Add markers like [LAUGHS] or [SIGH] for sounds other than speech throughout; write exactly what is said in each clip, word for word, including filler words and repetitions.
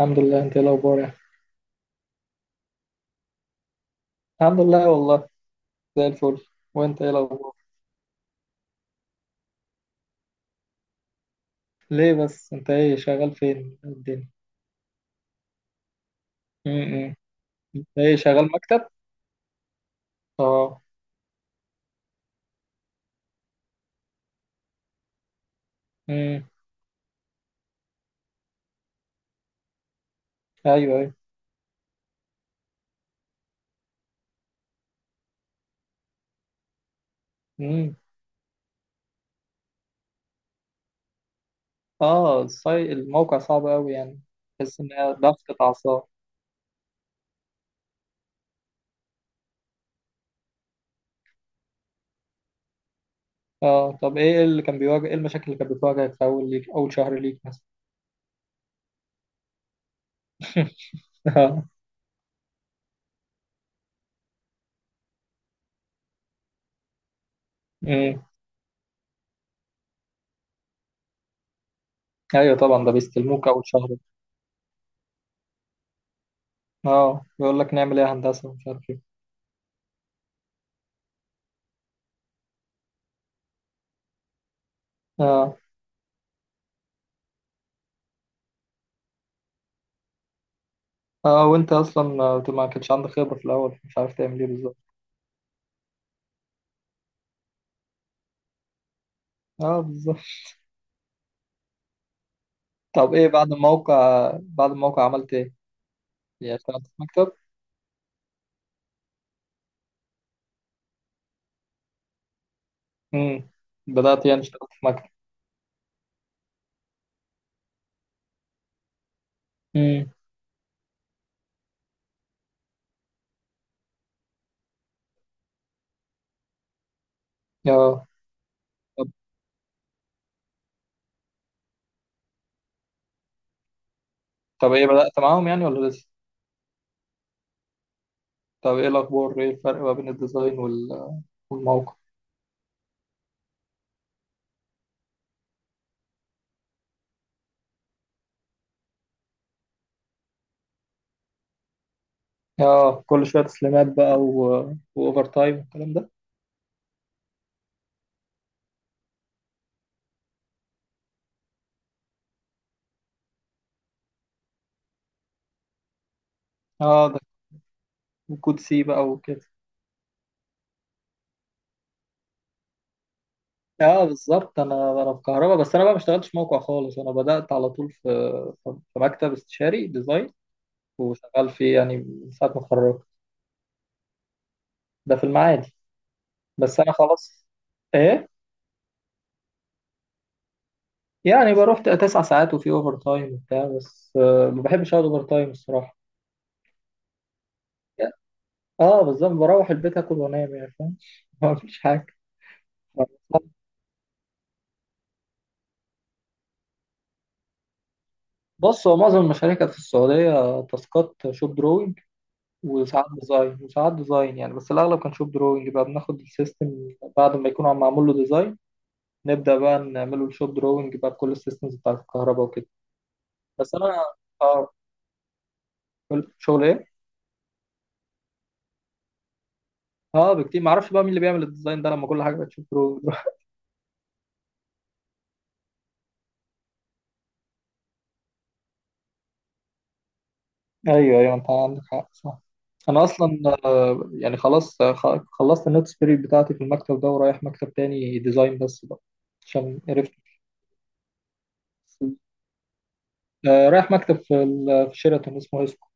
الحمد لله. انت ايه الاخبار يعني؟ الحمد لله والله. زي الفل. وانت ايه الاخبار؟ ليه بس؟ انت ايه شغال فين الدنيا؟ امم. انت ايه شغال مكتب؟ اه. امم. ايوه، ايوه. امم. اه، الصي... الموقع صعب قوي يعني. تحس ان هي ضغطة اعصاب؟ اه، طب ايه اللي كان بيواجه ايه المشاكل اللي كانت بتواجهك في اول ليك اول شهر ليك مثلا؟ [LAUGHS] اه. امم. ايوه، طبعا ده بيستلموك اول شهر. اه، بيقول لك نعمل ايه يا هندسه، مش عارف ايه. اه. اه، وانت اصلا آه، ما كانش عندك خبرة في الاول، مش عارف تعمل ايه بالظبط. اه، بالظبط. طب ايه بعد الموقع بعد الموقع عملت ايه؟ يعني اشتغلت في مكتب؟ امم. بدأت يعني اشتغلت في مكتب. امم. اه، طب طب ايه بدأت معاهم يعني ولا لسه؟ طب ايه الاخبار؟ ايه الفرق ما بين الديزاين وال... والموقع؟ اه، كل شوية تسليمات بقى و... واوفر تايم والكلام ده. اه، ده وكود سي بقى وكده. اه، بالظبط. انا انا في كهرباء، بس انا بقى ما اشتغلتش موقع خالص. انا بدأت على طول في في مكتب استشاري ديزاين. وشغال فيه يعني من ساعة ما اتخرجت. ده في المعادي. بس أنا خلاص. إيه. يعني بروح ت- تسع ساعات، وفي أوفر تايم وبتاع، بس آه، ما بحبش أقعد أوفر تايم الصراحة. يعني- أه بالظبط، بروح البيت آكل وأنام، يعني فاهم. [LAUGHS] ما فيش حاجة. بص هو معظم المشاريع كانت في السعودية، تاسكات شوب دروينج. وساعات ديزاين، وساعات ديزاين يعني، بس الأغلب كان شوب دروينج بقى، بناخد السيستم بعد ما يكون عم معمول له ديزاين. نبدأ بقى نعمله الشوب دروينج بقى بكل السيستمز بتاعة الكهرباء وكده. بس أنا. اه. كل شغل ايه. اه، بكتير. ما اعرفش بقى مين اللي بيعمل الديزاين ده، لما كل حاجه بتشوف برو. [LAUGHS] ايوه، ايوه، انت عندك حق، صح. انا اصلا آه، يعني خلاص. آه، خ- خلصت النوتس بيريد بتاعتي في المكتب ده، ورايح مكتب تاني ديزاين بس بقى، عشان عرفت. آه، رايح مكتب في ال- في شيراتون، اسمه اسكو.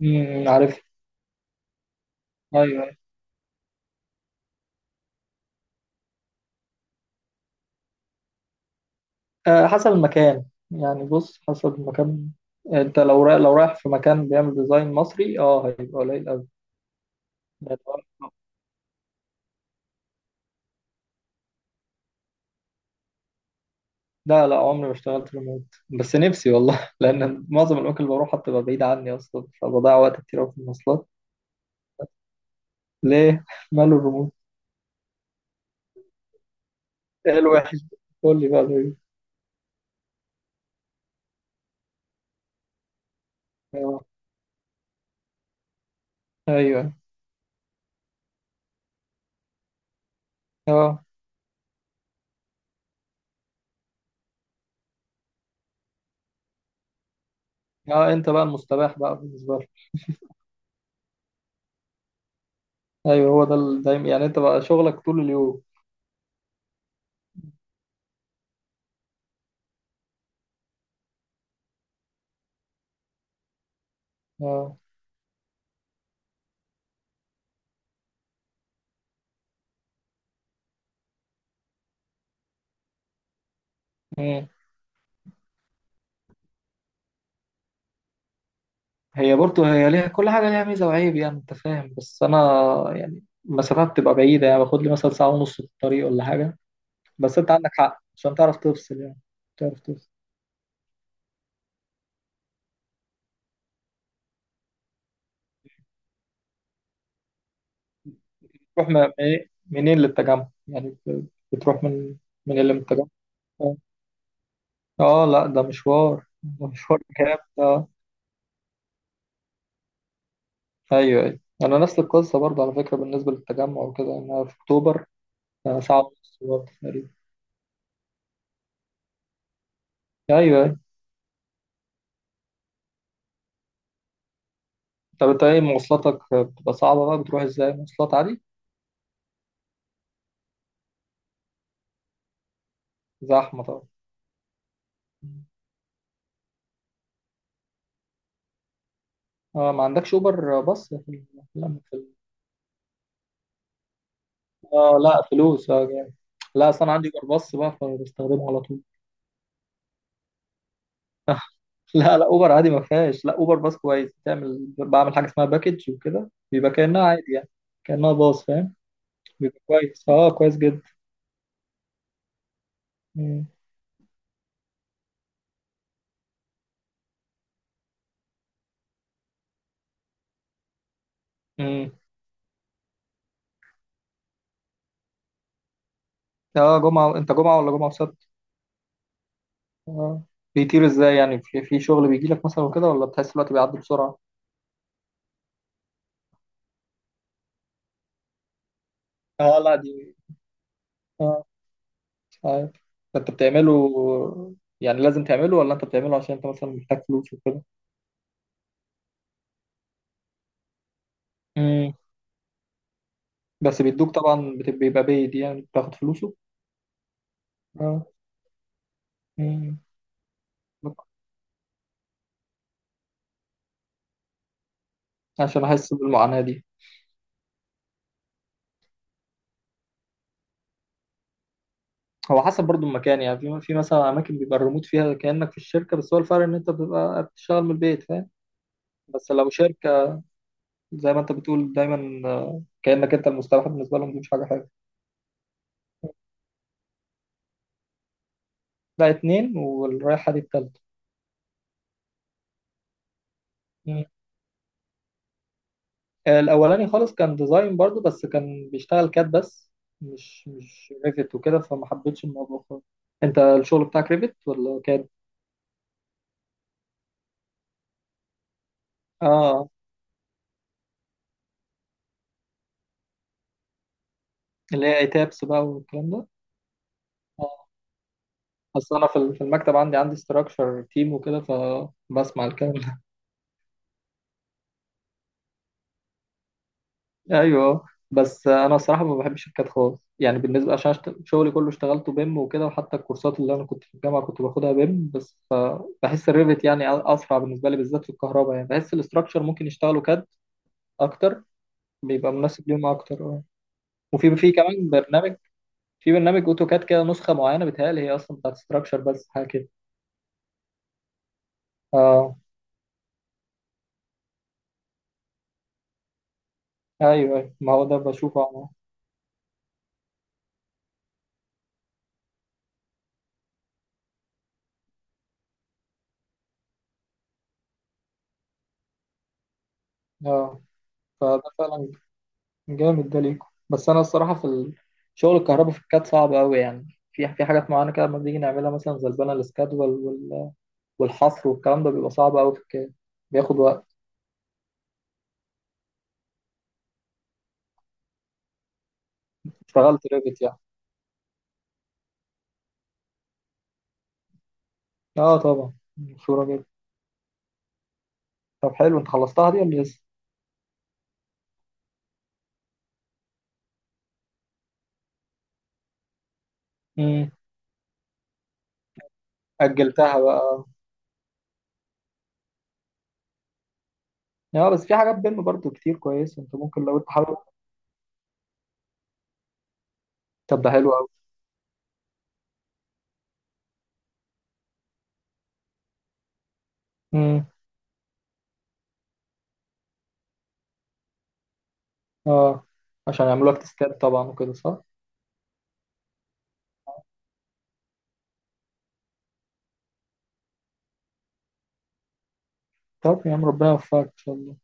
امم، عارف. ايوه، أيوة. آه، حسب المكان. يعني بص، حسب المكان. انت لو رايح، لو رايح في مكان بيعمل ديزاين مصري، اه هيبقى قليل قوي. لا، لا، عمري ما اشتغلت ريموت. بس نفسي والله. [LAUGHS] لأن معظم الأماكن اللي بروحها بتبقى بعيدة عني أصلا، فبضيع وقت كتير أوي في المواصلات. ليه؟ [LAUGHS] ماله الريموت؟ إيه الوحش؟ قول لي بقى ليه؟ أه. أيوه. أه. أه، أنت بقى المستباح بقى بالنسبة لك. أيوه، هو ده ال- دايما يعني. أنت بقى شغلك طول اليوم. أه. مم. هي برضه هي ليها كل حاجة، ليها ميزة وعيب، يعني أنت فاهم، بس أنا. يعني المسافات بتبقى بعيدة، يعني باخد لي مثلا ساعة ونص في الطريق ولا حاجة. بس أنت عندك حق عشان تعرف تفصل يعني. تعرف تفصل. تروح م- إيه؟ منين للتجمع يعني ب- بتروح من من اللي من التجمع؟ اه. آه، لا، ده مشوار ده مشوار جامد، اه. ايوه، ايوه، انا نفس القصه برضه على فكره بالنسبه للتجمع وكده، إن انا في اكتوبر. آه، ساعه ونص برضه تقريبا. ايوه، ايوه. طب انت ايه، مواصلاتك بتبقى صعبه بقى، بتروح ازاي، مواصلات عادي؟ زحمه طبعا. اه، ما عندكش اوبر باص في ال- لا، في ال- اه، لا فلوس، اه جامد. لا، اصل انا عندي اوبر باص بقى، فبستخدمه على طول. لا، لا، اوبر عادي ما فيهاش. لا، اوبر باص كويس، بتعمل بعمل حاجه اسمها باكج وكده، بيبقى كانها عادي يعني. كانها باص، فاهم. بيبقى كويس، اه كويس جدا. مم. مم. اه، جمعه؟ انت جمعه ولا جمعه وسبت؟ اه، بيطير ازاي يعني؟ في, في شغل بيجي لك مثلا وكده، ولا بتحس الوقت بيعدي بسرعه؟ اه، لا دي. اه، مش عارف. انت بتعمله؟ يعني لازم تعمله، ولا انت بتعمله عشان انت مثلا محتاج فلوس وكده؟ مم. بس بيدوك طبعا، بت- بيبقى بيد يعني بتاخد فلوسه. اه. مم. عشان احس بالمعاناه دي؟ هو حسب برضو المكان يعني. في في مثلا اماكن بيبقى الريموت فيها كانك في الشركه، بس هو الفرق ان انت بتبقى بتشتغل من البيت، فاهم. بس لو شركه زي ما انت بتقول دايما، آه، كانك انت المستوحى بالنسبه لهم، دي مش حاجه حلوه. لا، اتنين، والرايحه دي التالتة. مم. آه، الاولاني خالص كان ديزاين برضو، بس كان بيشتغل كاد بس، مش مش ريفت وكده، فما حبيتش الموضوع خالص. انت الشغل بتاعك ريفت ولا كاد؟ اه، اللي هي تابس بقى والكلام ده. اه، اصل انا في في المكتب عندي عندي ستراكشر تيم وكده، فبسمع الكلام. ايوه. بس انا الصراحه ما بحبش الكاد خالص يعني، بالنسبه عشان أشت- شغلي كله اشتغلته بيم وكده، وحتى الكورسات اللي انا كنت في الجامعه كنت باخدها بيم بس. بحس الريفت يعني أ- اسرع بالنسبه لي، بالذات في الكهرباء، يعني بحس الاستراكشر ممكن يشتغلوا كاد اكتر، بيبقى مناسب ليهم اكتر، اه. وفي في كمان برنامج. في برنامج اوتوكاد كده، نسخه معينه بتهيألي هي اصلا بتاعت استراكشر، بس حاجه كده. اه. ايوه. أيوة، ما هو ده بشوفه، اه. آه. فده فعلا جامد ده ليكم. بس انا الصراحه في ال- شغل الكهرباء في الكاد صعب قوي يعني، في في حاجات معينه كده، لما بنيجي نعملها مثلا زي البنى الاسكاد وال- وال- والحصر والكلام ده بيبقى صعب قوي في الكاد، بياخد وقت. اشتغلت ريفت يعني؟ اه، طبعا مشهوره جدا. طب حلو، انت خلصتها دي ولا لسه؟ امم، اجلتها بقى. اه، بس في حاجات بيم برضو كتير كويسه، انت ممكن لو انت حابب. طب ده حلو قوي. امم. اه، عشان يعملوا لك تسكات طبعا وكده، صح؟ طب يا عم، ربنا يوفقك ان شاء الله.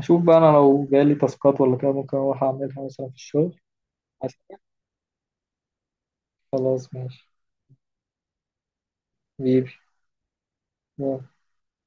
اشوف بقى انا لو جالي تاسكات ولا كده، ممكن اروح اعملها مثلا في الشغل. خلاص، ماشي. بيبي.